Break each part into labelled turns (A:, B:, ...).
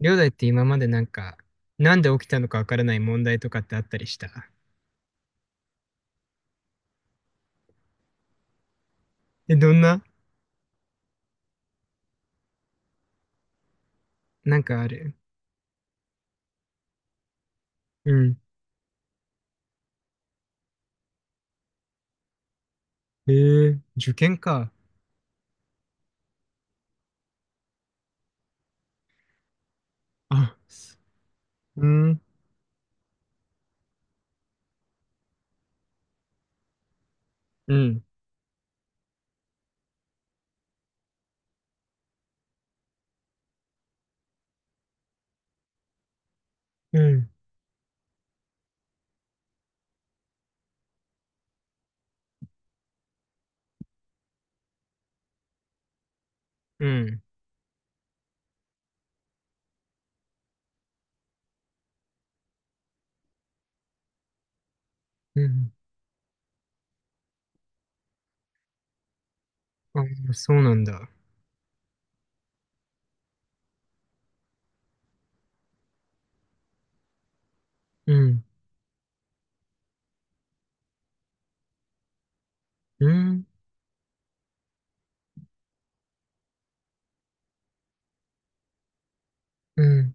A: りょうだいって今までなんか、なんで起きたのかわからない問題とかってあったりした？え、どんな？なんかある？うん。へえー、受験か。あ、すうん、うん、うん、うん、うん。あ、そうなんだ。うん、うん、うん。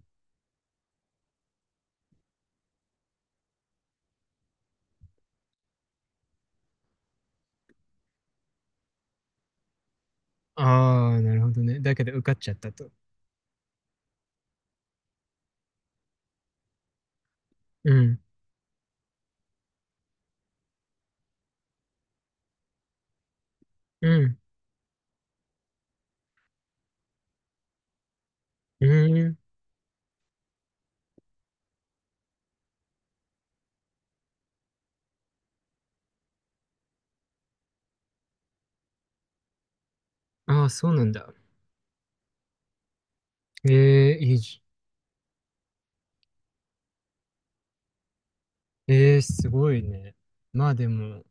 A: ああ、なるほどね。だけど受かっちゃったと。うん、うん、うん。ああ、そうなんだ。ええ、いいじ。ええ、すごいね。まあでも、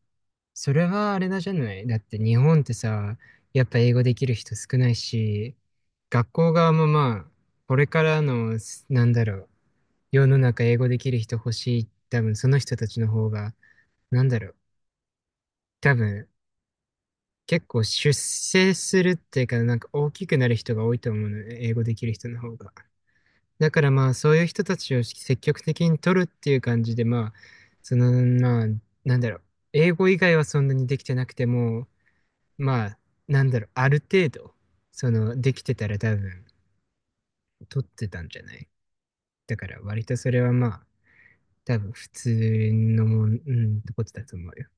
A: それはあれなんじゃない？だって日本ってさ、やっぱ英語できる人少ないし、学校側もまあ、これからの、なんだろう、世の中英語できる人欲しい。多分その人たちの方が、なんだろう、多分結構出世するっていうか、なんか大きくなる人が多いと思うのね、英語できる人の方が。だからまあ、そういう人たちを積極的に取るっていう感じで、まあ、その、まあ、なんだろう、英語以外はそんなにできてなくても、まあ、なんだろう、ある程度、その、できてたら多分、取ってたんじゃない？だから、割とそれはまあ、多分、普通のもん、うん、ってことだと思うよ。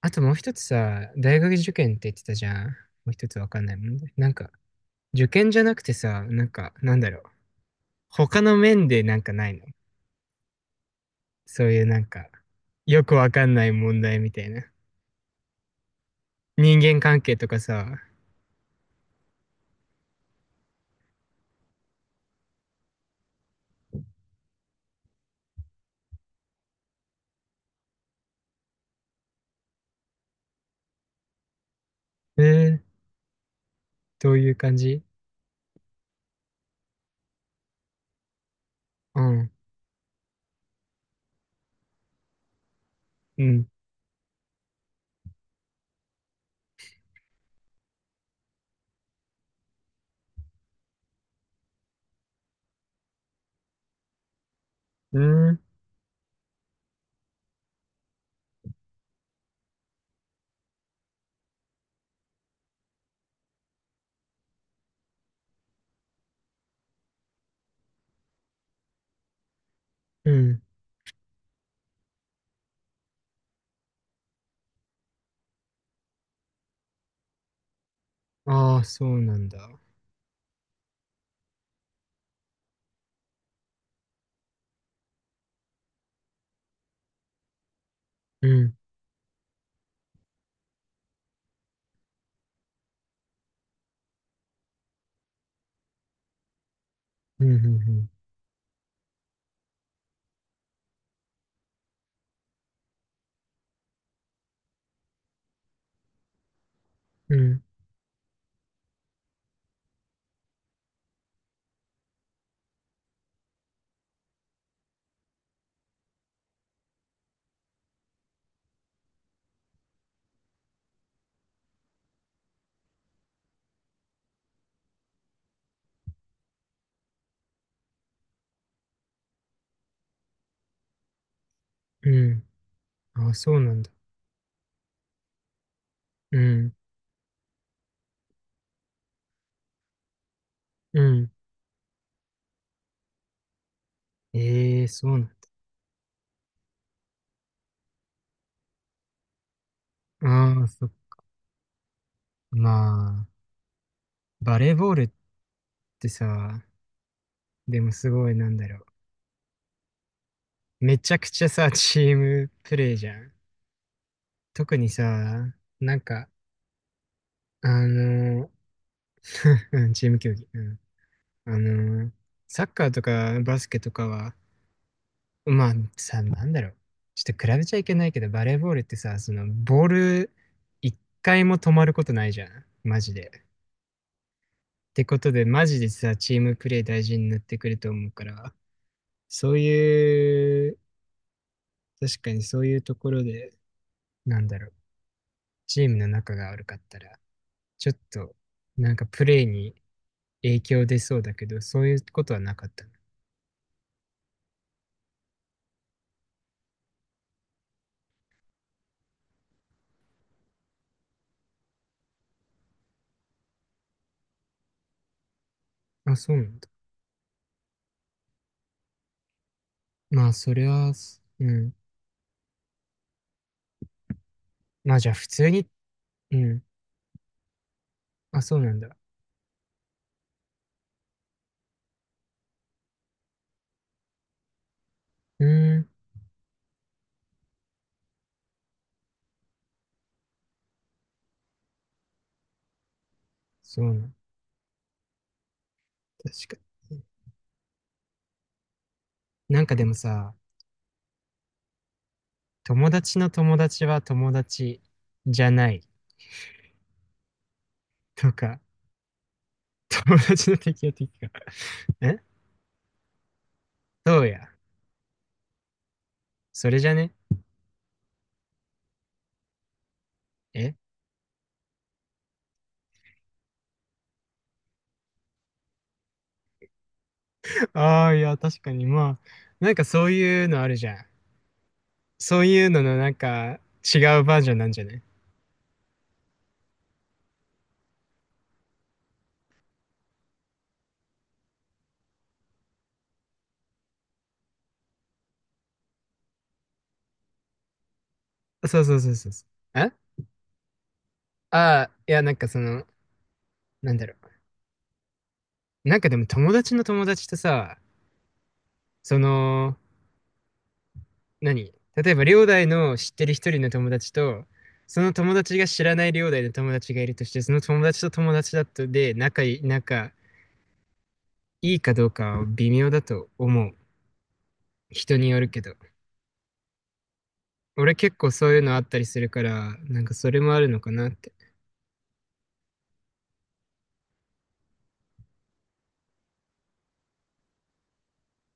A: あともう一つさ、大学受験って言ってたじゃん。もう一つわかんないもんね。なんか、受験じゃなくてさ、なんか、なんだろう、他の面でなんかないの？そういうなんか、よくわかんない問題みたいな。人間関係とかさ、えー、どういう感じ？うん、うん、うん、うん。ああ、そうなんだ。うん、うん、うん、うん、うん、うん。ああ、そうなんだ。うん、うん。ええ、そうなんだ。ああ、そっか。まあ、バレーボールってさ、でもすごいなんだろう。めちゃくちゃさ、チームプレーじゃん。特にさ、なんか、あの、うんチーム競技。うん。あの、サッカーとかバスケとかは、まあさ、なんだろう。ちょっと比べちゃいけないけど、バレーボールってさ、その、ボール、一回も止まることないじゃん。マジで。ってことで、マジでさ、チームプレー大事になってくると思うから、そういう、確かにそういうところで、なんだろう。チームの仲が悪かったら、ちょっと、なんかプレーに影響出そうだけど、そういうことはなかった？なあ、そうなんだ。まあ、それは、うん。まあ、じゃあ、普通に、うん。あ、そうなんだ。うーん。そうなんだ。確かに。なんかでもさ、友達の友達は友達じゃないとか、友達の敵は敵か。えそうや。それじゃねえ？ああー、いや、確かに。まあ、なんかそういうのあるじゃん。そういうののなんか違うバージョンなんじゃない？そうそうそうそうそう。え、ああー、いや、なんかその、なんだろう。なんかでも友達の友達とさ、その、何例えば、両大の知ってる一人の友達と、その友達が知らない両大の友達がいるとして、その友達と友達だとで、仲いい、かどうかは微妙だと思う。人によるけど。俺結構そういうのあったりするから、なんかそれもあるのかなって。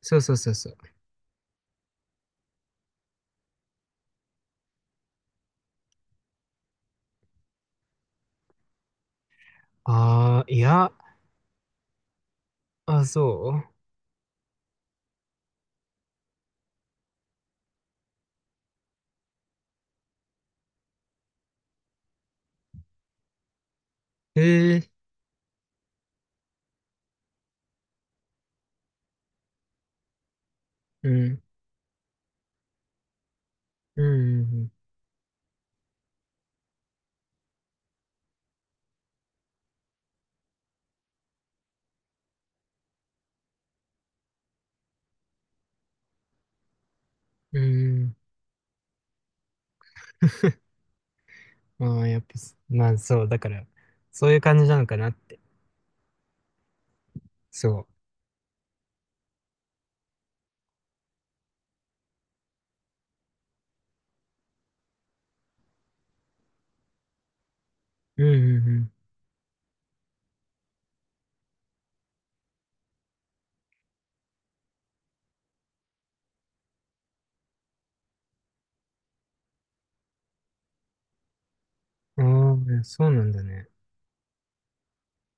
A: そうそうそうそう。ああ、いや、あ、そう。へえ、うん、うん、うん、うん。まあ、やっぱ、まあそう、だから、そういう感じなのかなって。そう。うん、うん、ああ、そうなんだね。